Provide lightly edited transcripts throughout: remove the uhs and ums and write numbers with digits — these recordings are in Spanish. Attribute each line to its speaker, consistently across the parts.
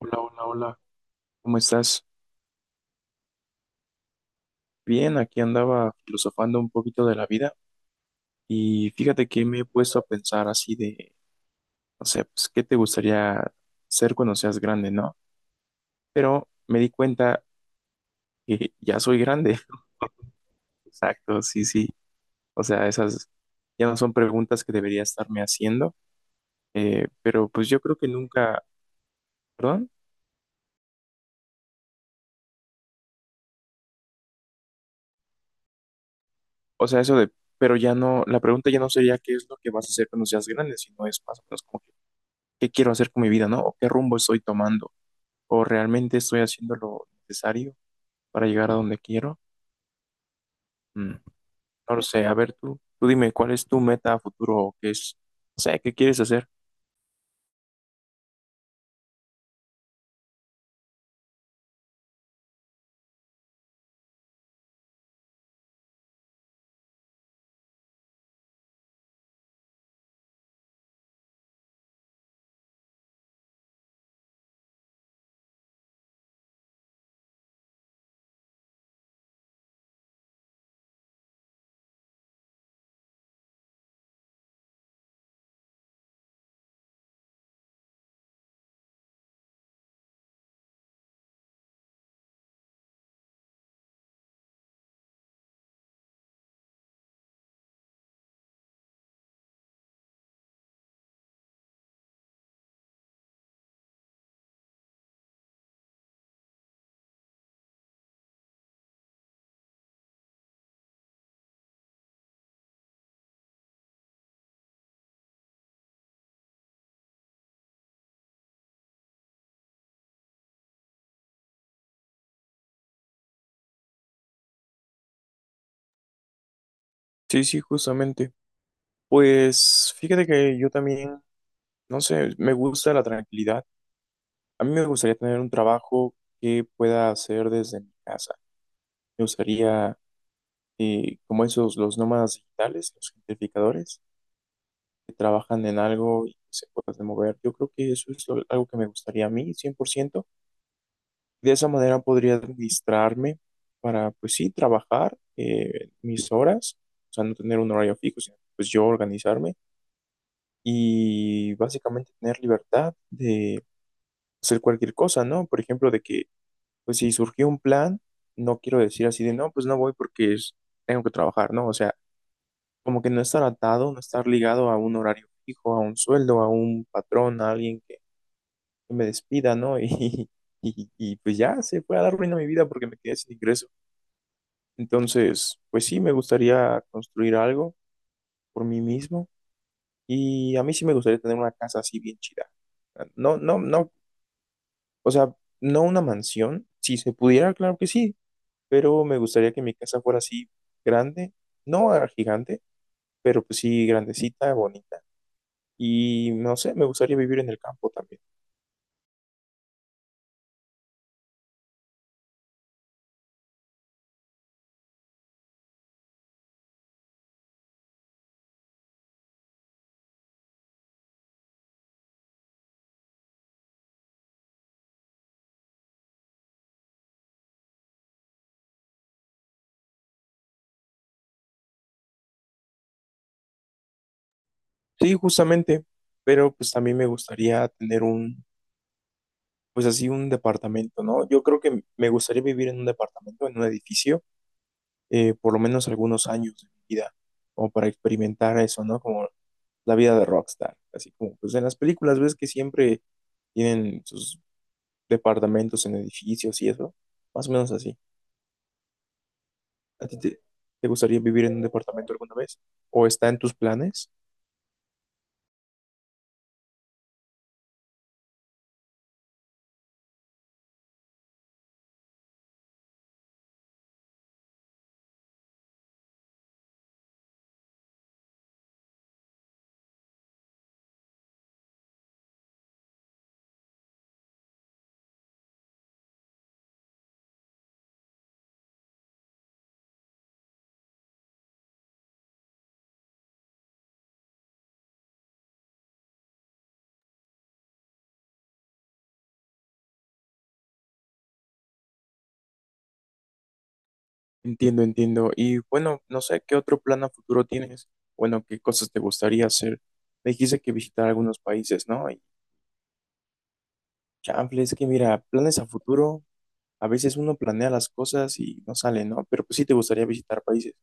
Speaker 1: Hola, hola, hola, ¿cómo estás? Bien, aquí andaba filosofando un poquito de la vida y fíjate que me he puesto a pensar así de, no sé, pues, ¿qué te gustaría ser cuando seas grande, no? Pero me di cuenta que ya soy grande. Exacto, sí, sí. O sea, esas ya no son preguntas que debería estarme haciendo, pero pues yo creo que nunca, perdón, o sea, eso de, pero ya no, la pregunta ya no sería qué es lo que vas a hacer cuando seas grande, sino es más o menos como que, qué quiero hacer con mi vida, ¿no? O qué rumbo estoy tomando. O realmente estoy haciendo lo necesario para llegar a donde quiero. Mm, No lo sé, a ver tú, dime, ¿cuál es tu meta a futuro o qué es, o sea, qué quieres hacer? Sí, sí, justamente. Pues fíjate que yo también, no sé, me gusta la tranquilidad. A mí me gustaría tener un trabajo que pueda hacer desde mi casa. Me gustaría, como esos, los nómadas digitales, los gentrificadores, que trabajan en algo y se pueden mover. Yo creo que algo que me gustaría a mí, 100%. De esa manera podría administrarme para, pues sí, trabajar mis horas, o sea, no tener un horario fijo, sino pues yo organizarme y básicamente tener libertad de hacer cualquier cosa, ¿no? Por ejemplo, de que, pues si surgió un plan, no quiero decir así de, no, pues no voy tengo que trabajar, ¿no? O sea, como que no estar atado, no estar ligado a un horario fijo, a un sueldo, a un patrón, a alguien que me despida, ¿no? Y pues ya se fue a dar ruina a mi vida porque me quedé sin ingresos. Entonces, pues sí, me gustaría construir algo por mí mismo y a mí sí me gustaría tener una casa así bien chida. Ah, no, no, no, o sea, no una mansión, si se pudiera, claro que sí, pero me gustaría que mi casa fuera así grande, no gigante, pero pues sí grandecita, bonita. Y no sé, me gustaría vivir en el campo también. Sí, justamente, pero pues también me gustaría tener un, pues así un departamento, ¿no? Yo creo que me gustaría vivir en un departamento, en un edificio por lo menos algunos años de mi vida, como para experimentar eso, ¿no? Como la vida de rockstar, así como pues en las películas ves que siempre tienen sus departamentos en edificios y eso, más o menos así. ¿A ti te gustaría vivir en un departamento alguna vez? ¿O está en tus planes? Entiendo, entiendo. Y bueno, no sé qué otro plan a futuro tienes. Bueno, qué cosas te gustaría hacer. Me dijiste que visitar algunos países, ¿no? Y chanfle, es que mira, planes a futuro, a veces uno planea las cosas y no sale, ¿no? Pero pues sí te gustaría visitar países.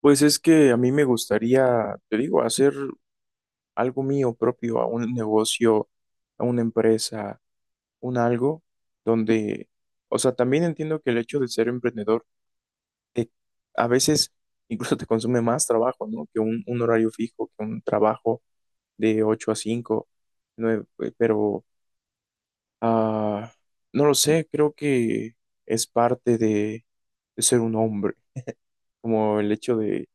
Speaker 1: Pues es que a mí me gustaría, te digo, hacer algo mío propio, a un negocio, a una empresa, un algo donde, o sea, también entiendo que el hecho de ser emprendedor te, a veces incluso te consume más trabajo, ¿no? Que un horario fijo, que un trabajo de 8 a 5 nueve, pero ah, no lo sé, creo que es parte de ser un hombre. Como el hecho de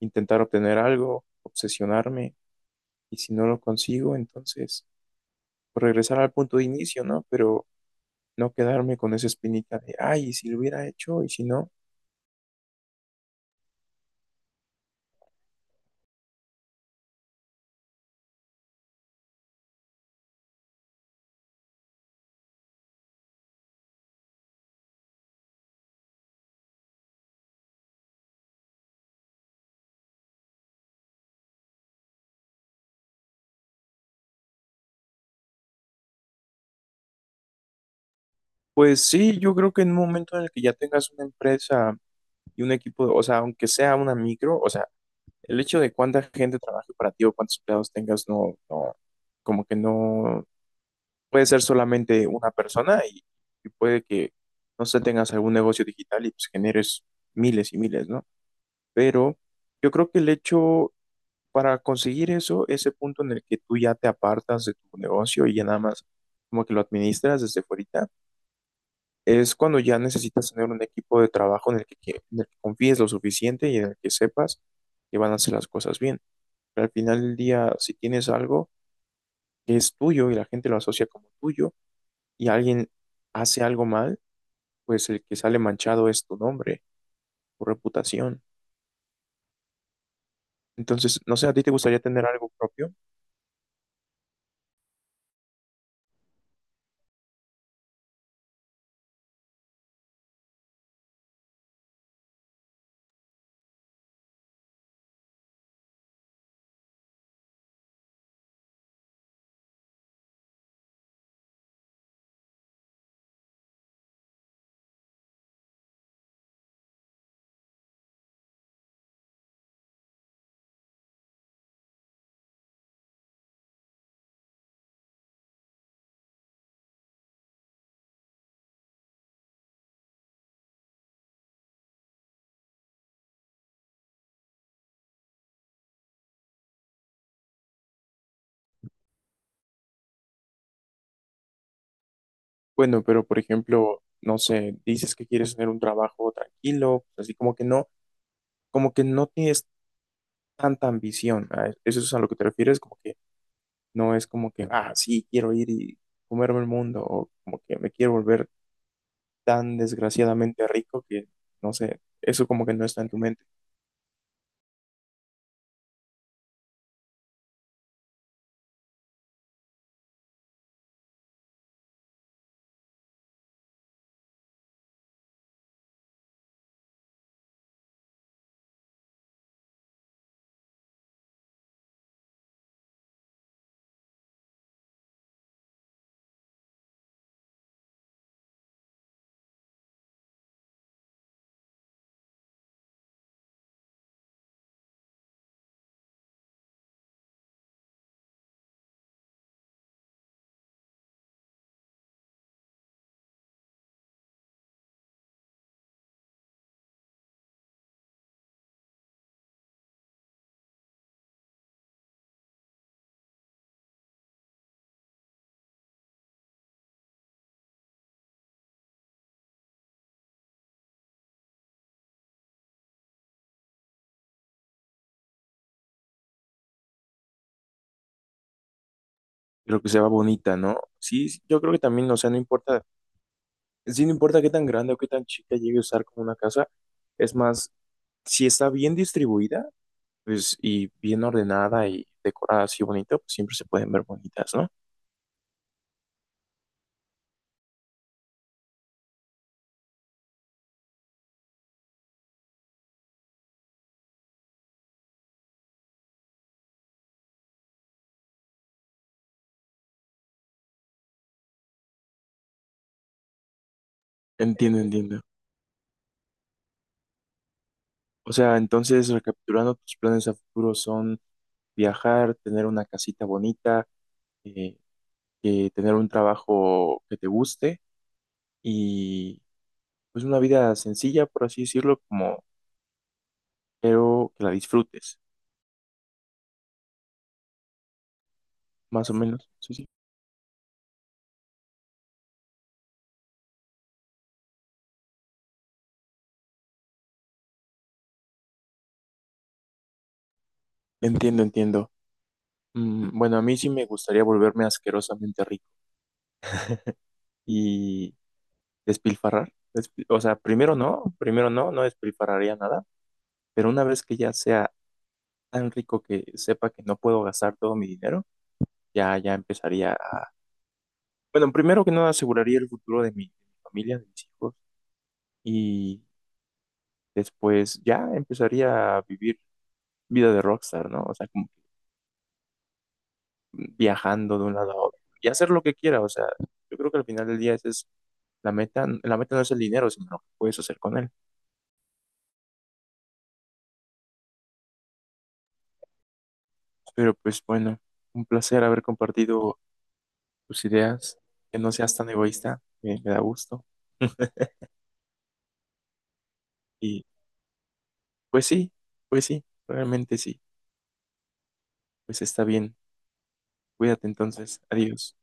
Speaker 1: intentar obtener algo, obsesionarme, y si no lo consigo, entonces pues, regresar al punto de inicio, ¿no? Pero no quedarme con esa espinita de, ay, ¿y si lo hubiera hecho, y si no. Pues sí, yo creo que en un momento en el que ya tengas una empresa y un equipo, o sea, aunque sea una micro, o sea, el hecho de cuánta gente trabaje para ti o cuántos empleados tengas, no, no, como que no. Puede ser solamente una persona y puede que, no sé, tengas algún negocio digital y pues generes miles y miles, ¿no? Pero yo creo que el hecho para conseguir eso, ese punto en el que tú ya te apartas de tu negocio y ya nada más como que lo administras desde fuera, es cuando ya necesitas tener un equipo de trabajo en el que, en el que confíes lo suficiente y en el que sepas que van a hacer las cosas bien. Pero al final del día, si tienes algo que es tuyo y la gente lo asocia como tuyo y alguien hace algo mal, pues el que sale manchado es tu nombre, tu reputación. Entonces, no sé, ¿a ti te gustaría tener algo propio? Bueno, pero por ejemplo, no sé, dices que quieres tener un trabajo tranquilo, pues, así como que no tienes tanta ambición. ¿Eso es a lo que te refieres? Como que no es como que, ah, sí, quiero ir y comerme el mundo, o como que me quiero volver tan desgraciadamente rico que, no sé, eso como que no está en tu mente. Pero que se va bonita, ¿no? Sí, sí, yo creo que también, o sea, no importa. Sí, no importa qué tan grande o qué tan chica llegue a usar como una casa, es más, si está bien distribuida, pues, y bien ordenada y decorada así bonito, pues siempre se pueden ver bonitas, ¿no? Entiendo, entiendo. O sea, entonces, recapitulando, tus planes a futuro son viajar, tener una casita bonita, eh, tener un trabajo que te guste y pues una vida sencilla, por así decirlo, como, pero que la disfrutes, más o menos. Sí, sí. Entiendo, entiendo. Bueno, a mí sí me gustaría volverme asquerosamente rico y despilfarrar. O sea, primero no, no despilfarraría nada, pero una vez que ya sea tan rico que sepa que no puedo gastar todo mi dinero, ya, ya empezaría a... Bueno, primero que nada aseguraría el futuro de mi familia, de mis hijos, y después ya empezaría a vivir vida de rockstar, ¿no? O sea, como que viajando de un lado a otro y hacer lo que quiera, o sea, yo creo que al final del día ese es. La meta no es el dinero, sino lo que puedes hacer con él. Pero pues bueno, un placer haber compartido tus ideas, que no seas tan egoísta, me da gusto. Y pues sí, pues sí, realmente sí, pues está bien. Cuídate entonces, adiós.